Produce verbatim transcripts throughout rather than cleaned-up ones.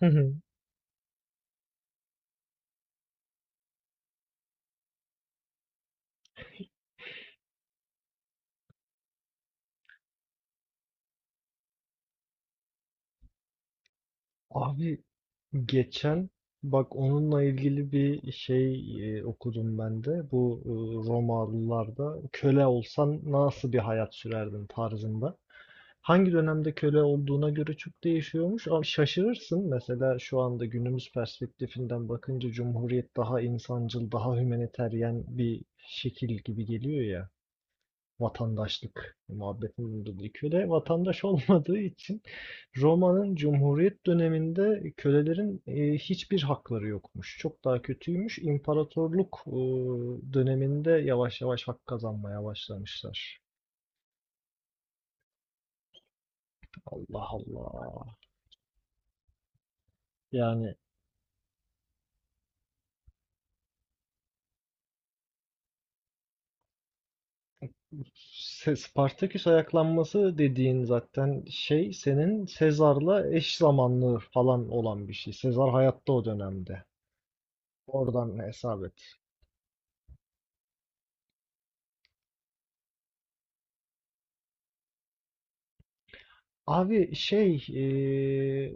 Hı hı. Abi geçen bak onunla ilgili bir şey e, okudum ben de. Bu e, Romalılarda köle olsan nasıl bir hayat sürerdin tarzında. Hangi dönemde köle olduğuna göre çok değişiyormuş. Ama şaşırırsın. Mesela şu anda günümüz perspektifinden bakınca Cumhuriyet daha insancıl, daha hümaniteryen bir şekil gibi geliyor ya. Vatandaşlık muhabbetini dedi. Köle vatandaş olmadığı için Roma'nın Cumhuriyet döneminde kölelerin e, hiçbir hakları yokmuş. Çok daha kötüymüş. İmparatorluk e, döneminde yavaş yavaş hak kazanmaya başlamışlar. Allah Allah. Yani Se- Spartaküs ayaklanması dediğin zaten şey senin Sezar'la eş zamanlı falan olan bir şey. Sezar hayatta o dönemde. Oradan hesap et. Abi şey eee,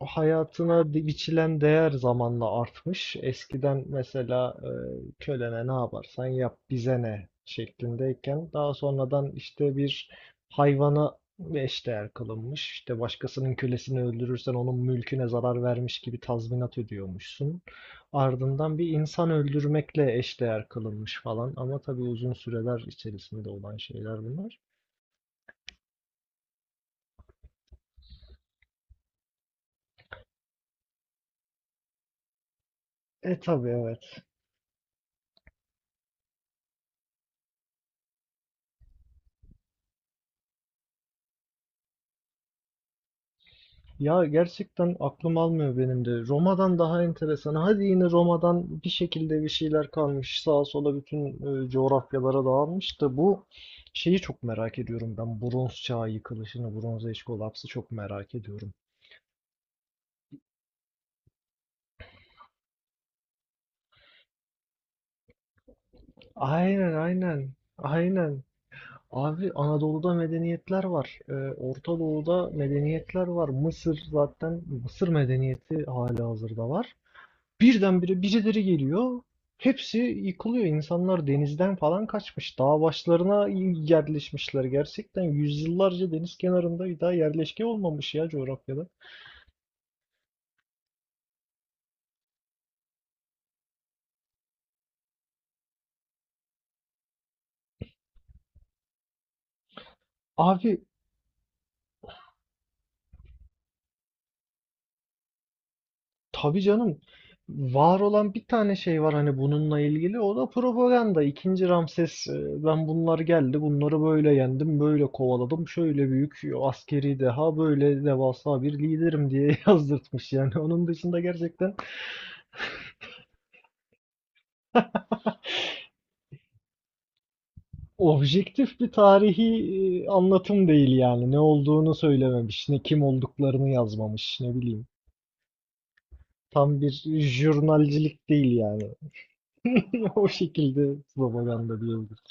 o hayatına di- biçilen değer zamanla artmış. Eskiden mesela eee, kölene ne yaparsan yap bize ne şeklindeyken daha sonradan işte bir hayvana eşdeğer kılınmış. İşte başkasının kölesini öldürürsen onun mülküne zarar vermiş gibi tazminat ödüyormuşsun. Ardından bir insan öldürmekle eşdeğer kılınmış falan ama tabii uzun süreler içerisinde olan şeyler bunlar. E tabii evet. Ya gerçekten aklım almıyor benim de. Roma'dan daha enteresan. Hadi yine Roma'dan bir şekilde bir şeyler kalmış. Sağa sola bütün e, coğrafyalara dağılmış da bu şeyi çok merak ediyorum ben. Bronz çağı yıkılışını, Bronz Age kolapsı çok merak ediyorum. Aynen aynen. Aynen. Abi Anadolu'da medeniyetler var. E, Orta Doğu'da medeniyetler var. Mısır zaten Mısır medeniyeti halihazırda var. Birdenbire birileri geliyor. Hepsi yıkılıyor. İnsanlar denizden falan kaçmış. Dağ başlarına yerleşmişler. Gerçekten yüzyıllarca deniz kenarında bir daha yerleşke olmamış ya coğrafyada. Abi tabii canım. Var olan bir tane şey var hani bununla ilgili. O da propaganda. İkinci Ramses, e, ben bunlar geldi. Bunları böyle yendim. Böyle kovaladım. Şöyle büyük askeri deha, böyle devasa bir liderim diye yazdırtmış yani. Onun dışında gerçekten objektif bir tarihi e, anlatım değil yani. Ne olduğunu söylememiş, ne kim olduklarını yazmamış, ne bileyim. Tam bir jurnalcilik değil yani. O şekilde propaganda diyebiliriz.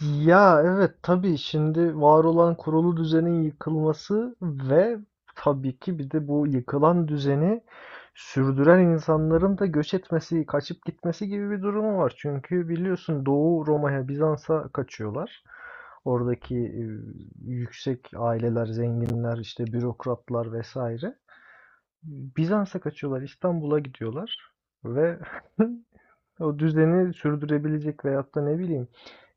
Ya evet, tabii şimdi var olan kurulu düzenin yıkılması ve tabii ki bir de bu yıkılan düzeni sürdüren insanların da göç etmesi, kaçıp gitmesi gibi bir durumu var. Çünkü biliyorsun Doğu Roma'ya, Bizans'a kaçıyorlar. Oradaki e, yüksek aileler, zenginler, işte bürokratlar vesaire. Bizans'a kaçıyorlar, İstanbul'a gidiyorlar ve o düzeni sürdürebilecek veyahut da ne bileyim,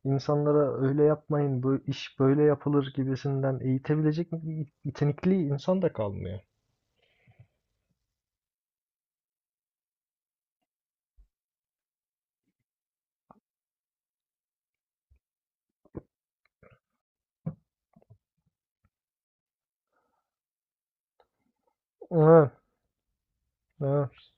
İnsanlara öyle yapmayın, bu iş böyle yapılır gibisinden eğitebilecek yetenekli insan da kalmıyor. Evet, evet.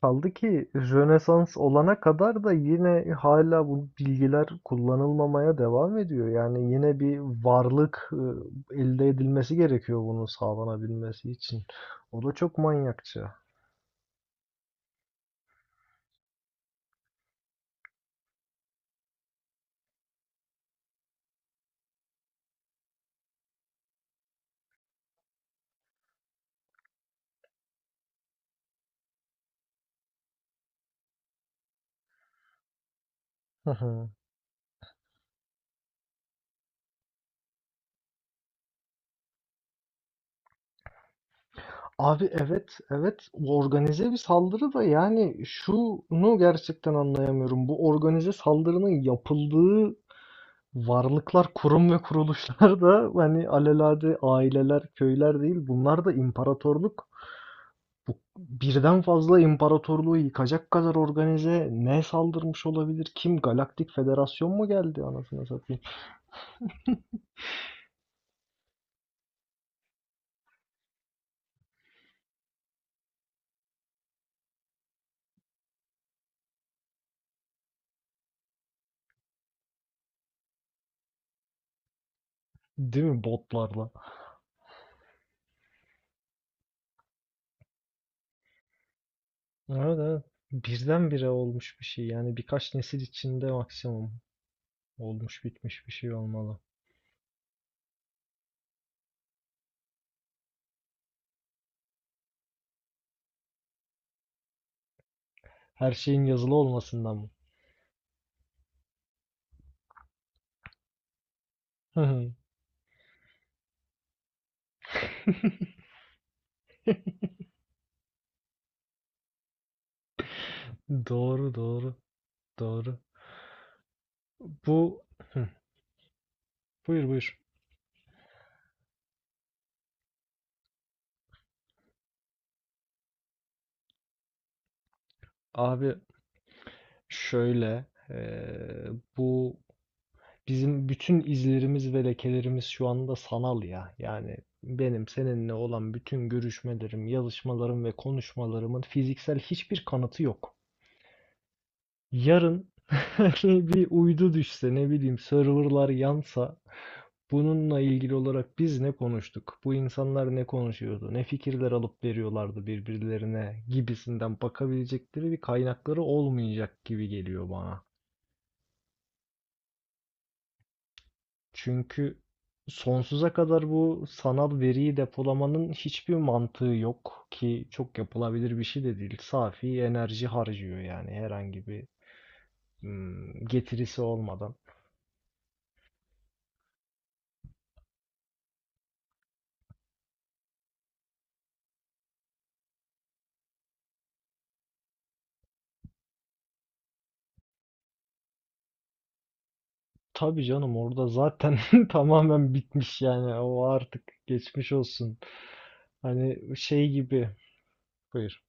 Kaldı ki Rönesans olana kadar da yine hala bu bilgiler kullanılmamaya devam ediyor. Yani yine bir varlık e, elde edilmesi gerekiyor bunu sağlanabilmesi için. O da çok manyakça. Hı hı. Abi evet evet, organize bir saldırı da yani şunu gerçekten anlayamıyorum. Bu organize saldırının yapıldığı varlıklar, kurum ve kuruluşlar da hani alelade aileler, köyler değil, bunlar da imparatorluk. Bu birden fazla imparatorluğu yıkacak kadar organize ne saldırmış olabilir? Kim? Galaktik Federasyon mu geldi anasını satayım? Değil mi botlarla? Evet evet. Birdenbire olmuş bir şey yani, birkaç nesil içinde maksimum. Olmuş bitmiş bir şey olmalı. Her şeyin yazılı olmasından mı? Doğru doğru doğru. Bu buyur buyur. Abi şöyle, eee, bu bizim bütün izlerimiz ve lekelerimiz şu anda sanal ya. Yani benim seninle olan bütün görüşmelerim, yazışmalarım ve konuşmalarımın fiziksel hiçbir kanıtı yok. Yarın bir uydu düşse, ne bileyim, serverlar yansa, bununla ilgili olarak biz ne konuştuk? Bu insanlar ne konuşuyordu? Ne fikirler alıp veriyorlardı birbirlerine gibisinden bakabilecekleri bir kaynakları olmayacak gibi geliyor bana. Çünkü sonsuza kadar bu sanal veriyi depolamanın hiçbir mantığı yok ki, çok yapılabilir bir şey de değil. Safi enerji harcıyor yani, herhangi bir hmm, getirisi olmadan. Tabii canım, orada zaten tamamen bitmiş yani, o artık geçmiş olsun. Hani şey gibi. Buyur.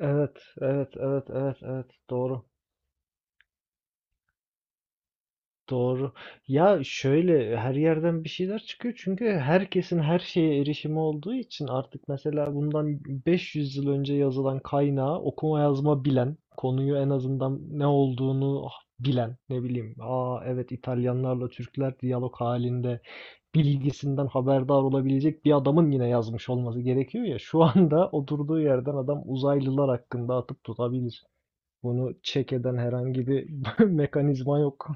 Evet, evet, evet, evet, evet. Doğru. Doğru. Ya şöyle, her yerden bir şeyler çıkıyor çünkü herkesin her şeye erişimi olduğu için artık. Mesela bundan beş yüz yıl önce yazılan kaynağı okuma yazma bilen, konuyu en azından ne olduğunu bilen, ne bileyim, aa evet İtalyanlarla Türkler diyalog halinde bilgisinden haberdar olabilecek bir adamın yine yazmış olması gerekiyor ya. Şu anda oturduğu yerden adam uzaylılar hakkında atıp tutabilir. Bunu check eden herhangi bir mekanizma yok.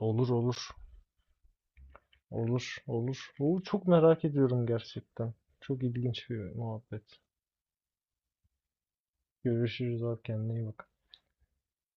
Olur olur. Olur olur. Oo, çok merak ediyorum gerçekten. Çok ilginç bir muhabbet. Görüşürüz abi, kendine iyi bak.